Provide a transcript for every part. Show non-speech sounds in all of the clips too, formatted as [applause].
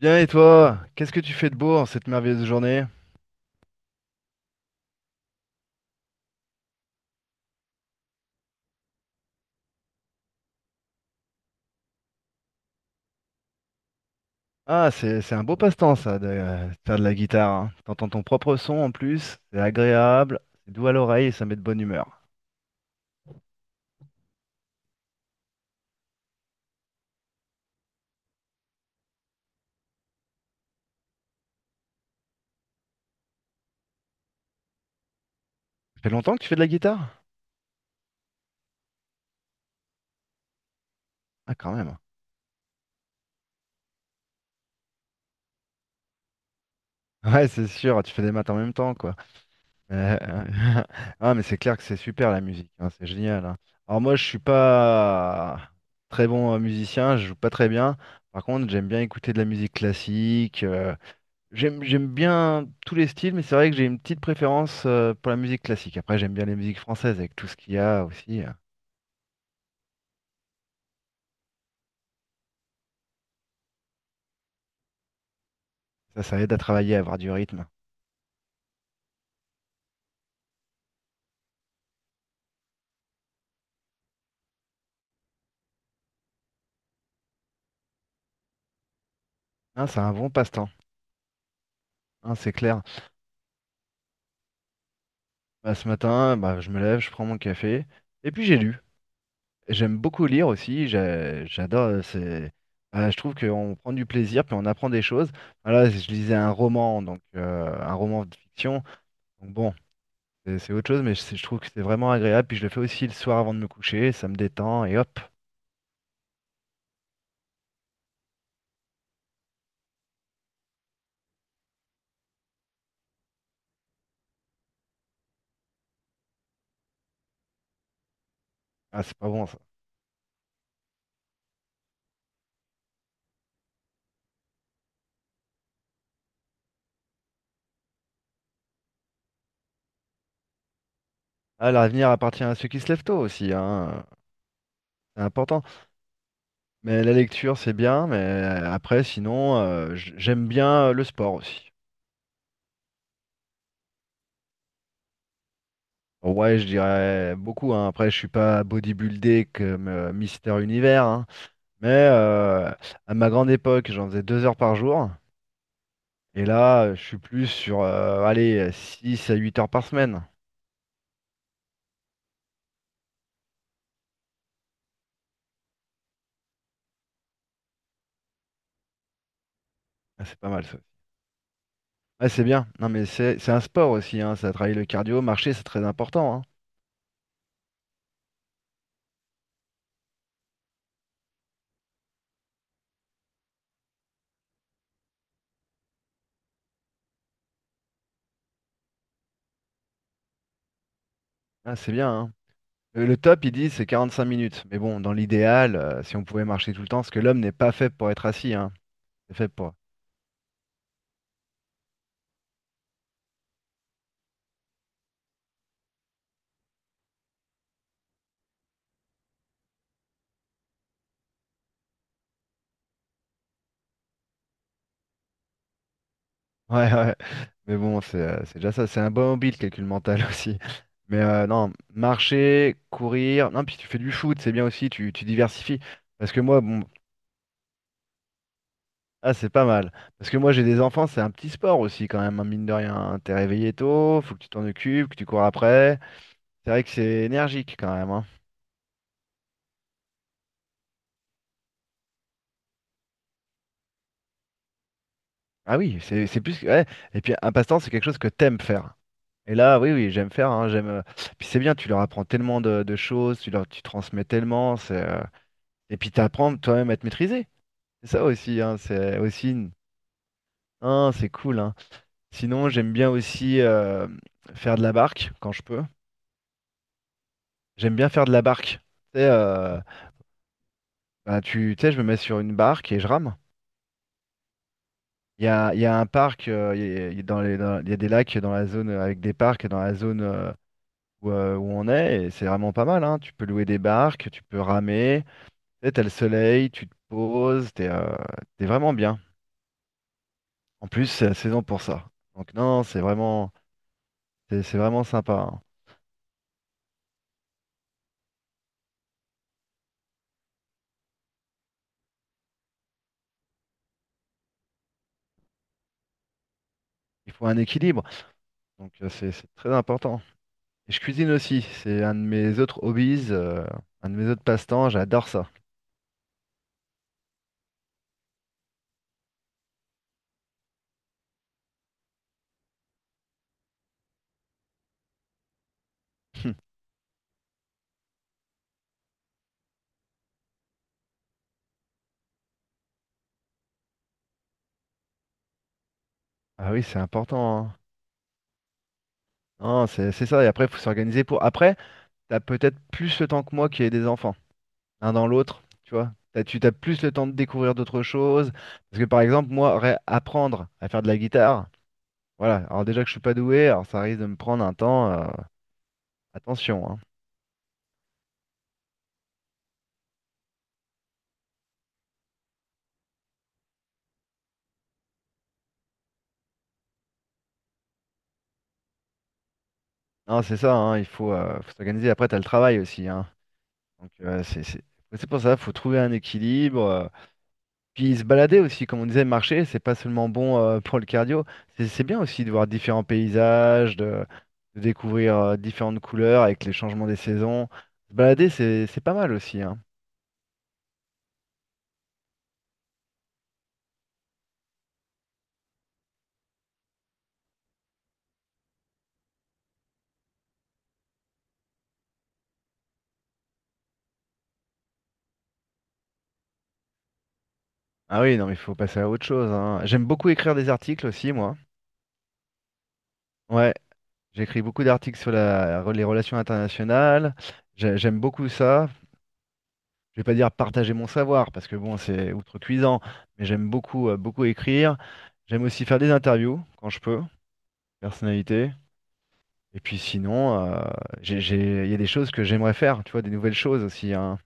Bien et toi, qu'est-ce que tu fais de beau en cette merveilleuse journée? Ah, c'est un beau passe-temps ça, de faire de la guitare, hein. T'entends ton propre son en plus, c'est agréable, c'est doux à l'oreille et ça met de bonne humeur. Ça fait longtemps que tu fais de la guitare? Ah, quand même. [laughs] Ouais, c'est sûr, tu fais des maths en même temps, quoi. Euh, [laughs] Ah, mais c'est clair que c'est super la musique, hein, c'est génial, hein. Alors moi, je suis pas très bon musicien, je joue pas très bien. Par contre, j'aime bien écouter de la musique classique. J'aime bien tous les styles, mais c'est vrai que j'ai une petite préférence pour la musique classique. Après, j'aime bien les musiques françaises avec tout ce qu'il y a aussi. Ça, ça aide à travailler, à avoir du rythme. Hein, c'est un bon passe-temps, hein, c'est clair. Bah, ce matin, bah, je me lève, je prends mon café, et puis j'ai lu. J'aime beaucoup lire aussi, j'adore. Bah, je trouve qu'on prend du plaisir, puis on apprend des choses. Voilà, je lisais un roman, donc un roman de fiction. Donc bon, c'est autre chose, mais je trouve que c'est vraiment agréable. Puis je le fais aussi le soir avant de me coucher, ça me détend, et hop. Ah, c'est pas bon ça. Ah, l'avenir appartient à ceux qui se lèvent tôt aussi, hein. C'est important. Mais la lecture, c'est bien, mais après, sinon, j'aime bien le sport aussi. Ouais, je dirais beaucoup, hein. Après, je suis pas bodybuildé comme Mister Univers, hein. Mais à ma grande époque, j'en faisais 2 heures par jour. Et là, je suis plus sur, allez, 6 à 8 heures par semaine. Ah, c'est pas mal ça. Ah, c'est bien. Non, mais c'est un sport aussi, hein. Ça travaille le cardio, marcher, c'est très important, hein. Ah, c'est bien, hein. Le top, ils disent, c'est 45 minutes. Mais bon, dans l'idéal, si on pouvait marcher tout le temps, parce que l'homme n'est pas fait pour être assis, hein. C'est fait pour. [laughs] Ouais, ouais. Mais bon, c'est déjà ça. C'est un bon hobby, le calcul mental [laughs] aussi. Mais non, marcher, courir. Non, puis tu fais du foot, c'est bien aussi, tu diversifies. Parce que moi, bon, ah, c'est pas mal. Parce que moi, j'ai des enfants, c'est un petit sport aussi, quand même, hein, mine de rien, hein. T'es réveillé tôt, faut que tu t'en occupes, que tu cours après. C'est vrai que c'est énergique quand même, hein. Ah oui, c'est plus. Que- Ouais. Et puis, un passe-temps, c'est quelque chose que t'aimes faire. Et là, oui, oui, j'aime faire, hein, j'aime. Puis c'est bien, tu leur apprends tellement de choses, tu leur, tu transmets tellement, c'est. Et puis t'apprends toi-même à te maîtriser. C'est ça aussi, hein, c'est aussi. Une- hein, c'est cool, hein. Sinon, j'aime bien aussi faire de la barque quand je peux. J'aime bien faire de la barque. Tu sais, ben, tu sais, je me mets sur une barque et je rame. Il y a un parc, il y a dans les- dans- il y a des lacs dans la zone avec des parcs dans la zone où, où on est, et c'est vraiment pas mal, hein. Tu peux louer des barques, tu peux ramer. Sais, t'as le soleil, tu te poses, t'es vraiment bien. En plus, c'est la saison pour ça. Donc non, non, c'est vraiment, c'est vraiment sympa, hein. Il faut un équilibre, donc c'est très important. Et je cuisine aussi, c'est un de mes autres hobbies, un de mes autres passe-temps, j'adore ça. [laughs] Ah oui, c'est important, hein. Non, c'est ça. Et après, il faut s'organiser pour. Après, t'as peut-être plus le temps que moi qui ai des enfants, l'un dans l'autre, tu vois. T'as, tu t'as plus le temps de découvrir d'autres choses. Parce que par exemple, moi, apprendre à faire de la guitare. Voilà, alors déjà que je suis pas doué, alors ça risque de me prendre un temps. Attention, hein. Non, c'est ça, hein, il faut, faut s'organiser. Après, tu as le travail aussi, hein. Donc euh, c'est c'est- c'est pour ça, faut trouver un équilibre. Puis se balader aussi, comme on disait, marcher, c'est pas seulement bon pour le cardio. C'est bien aussi de voir différents paysages, de découvrir différentes couleurs avec les changements des saisons. Se balader, c'est pas mal aussi, hein. Ah oui, non, mais il faut passer à autre chose, hein. J'aime beaucoup écrire des articles aussi, moi. Ouais. J'écris beaucoup d'articles sur la- les relations internationales. J'ai- J'aime beaucoup ça. Je vais pas dire partager mon savoir parce que bon, c'est outrecuidant, mais j'aime beaucoup, beaucoup écrire. J'aime aussi faire des interviews quand je peux, personnalité. Et puis sinon, j'ai- il y a des choses que j'aimerais faire, tu vois, des nouvelles choses aussi, hein.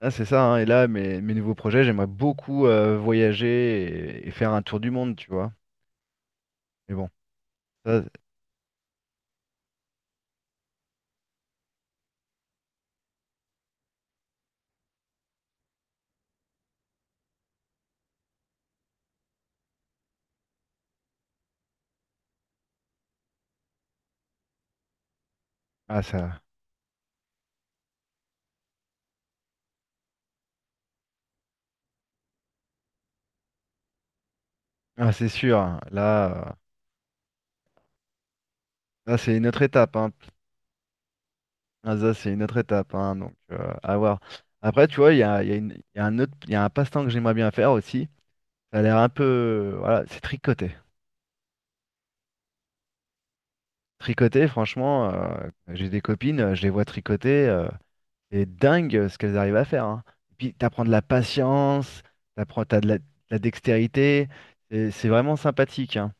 Là, c'est ça, hein. Et là, mes nouveaux projets, j'aimerais beaucoup voyager et faire un tour du monde, tu vois. Mais bon, ça, ça, ah, c'est sûr, hein. Là, c'est une autre étape, hein. Ah, ça, c'est une autre étape, hein, donc à voir. Après, tu vois, il y a une- il y a un autre, il y a un passe-temps que j'aimerais bien faire aussi. Ça a l'air un peu, voilà, c'est tricoter. Tricoter, franchement, j'ai des copines, je les vois tricoter, c'est dingue ce qu'elles arrivent à faire, hein. Et puis, t'apprends de la patience, t'apprends, t'as de la dextérité, et c'est vraiment sympathique, hein.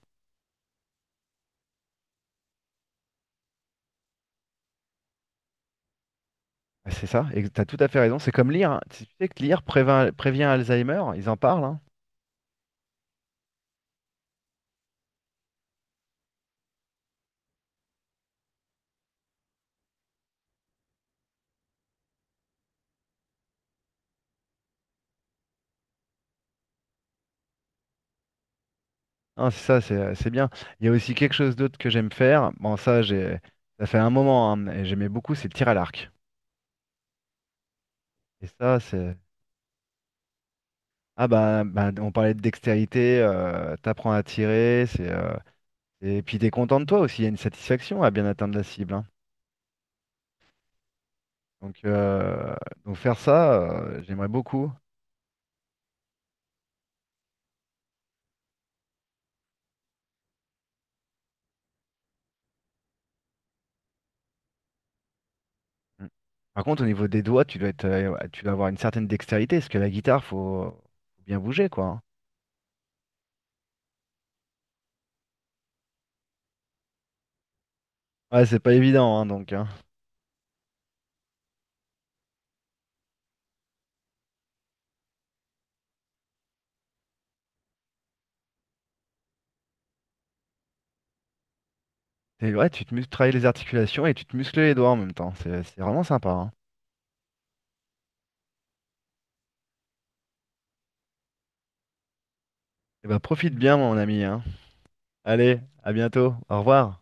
C'est ça, et t'as tout à fait raison. C'est comme lire, hein. Tu sais que lire prévient Alzheimer, ils en parlent, hein. Non, c'est ça, c'est bien. Il y a aussi quelque chose d'autre que j'aime faire. Bon, ça, j'ai, ça fait un moment, hein, et j'aimais beaucoup, c'est le tir à l'arc. Et ça, c'est. Ah, bah, bah, on parlait de dextérité, t'apprends à tirer, c'est. Et puis, t'es content de toi aussi, il y a une satisfaction à bien atteindre la cible, hein. Donc, euh, donc, faire ça, j'aimerais beaucoup. Mm. Par contre, au niveau des doigts, tu dois être, ouais, tu dois avoir une certaine dextérité, parce que la guitare, faut, faut bien bouger, quoi, hein. Ouais, c'est pas évident, hein, donc, hein. C'est vrai, tu te travailles les articulations et tu te muscles les doigts en même temps. C'est vraiment sympa, hein. Et bah profite bien, mon ami, hein. Allez, à bientôt. Au revoir.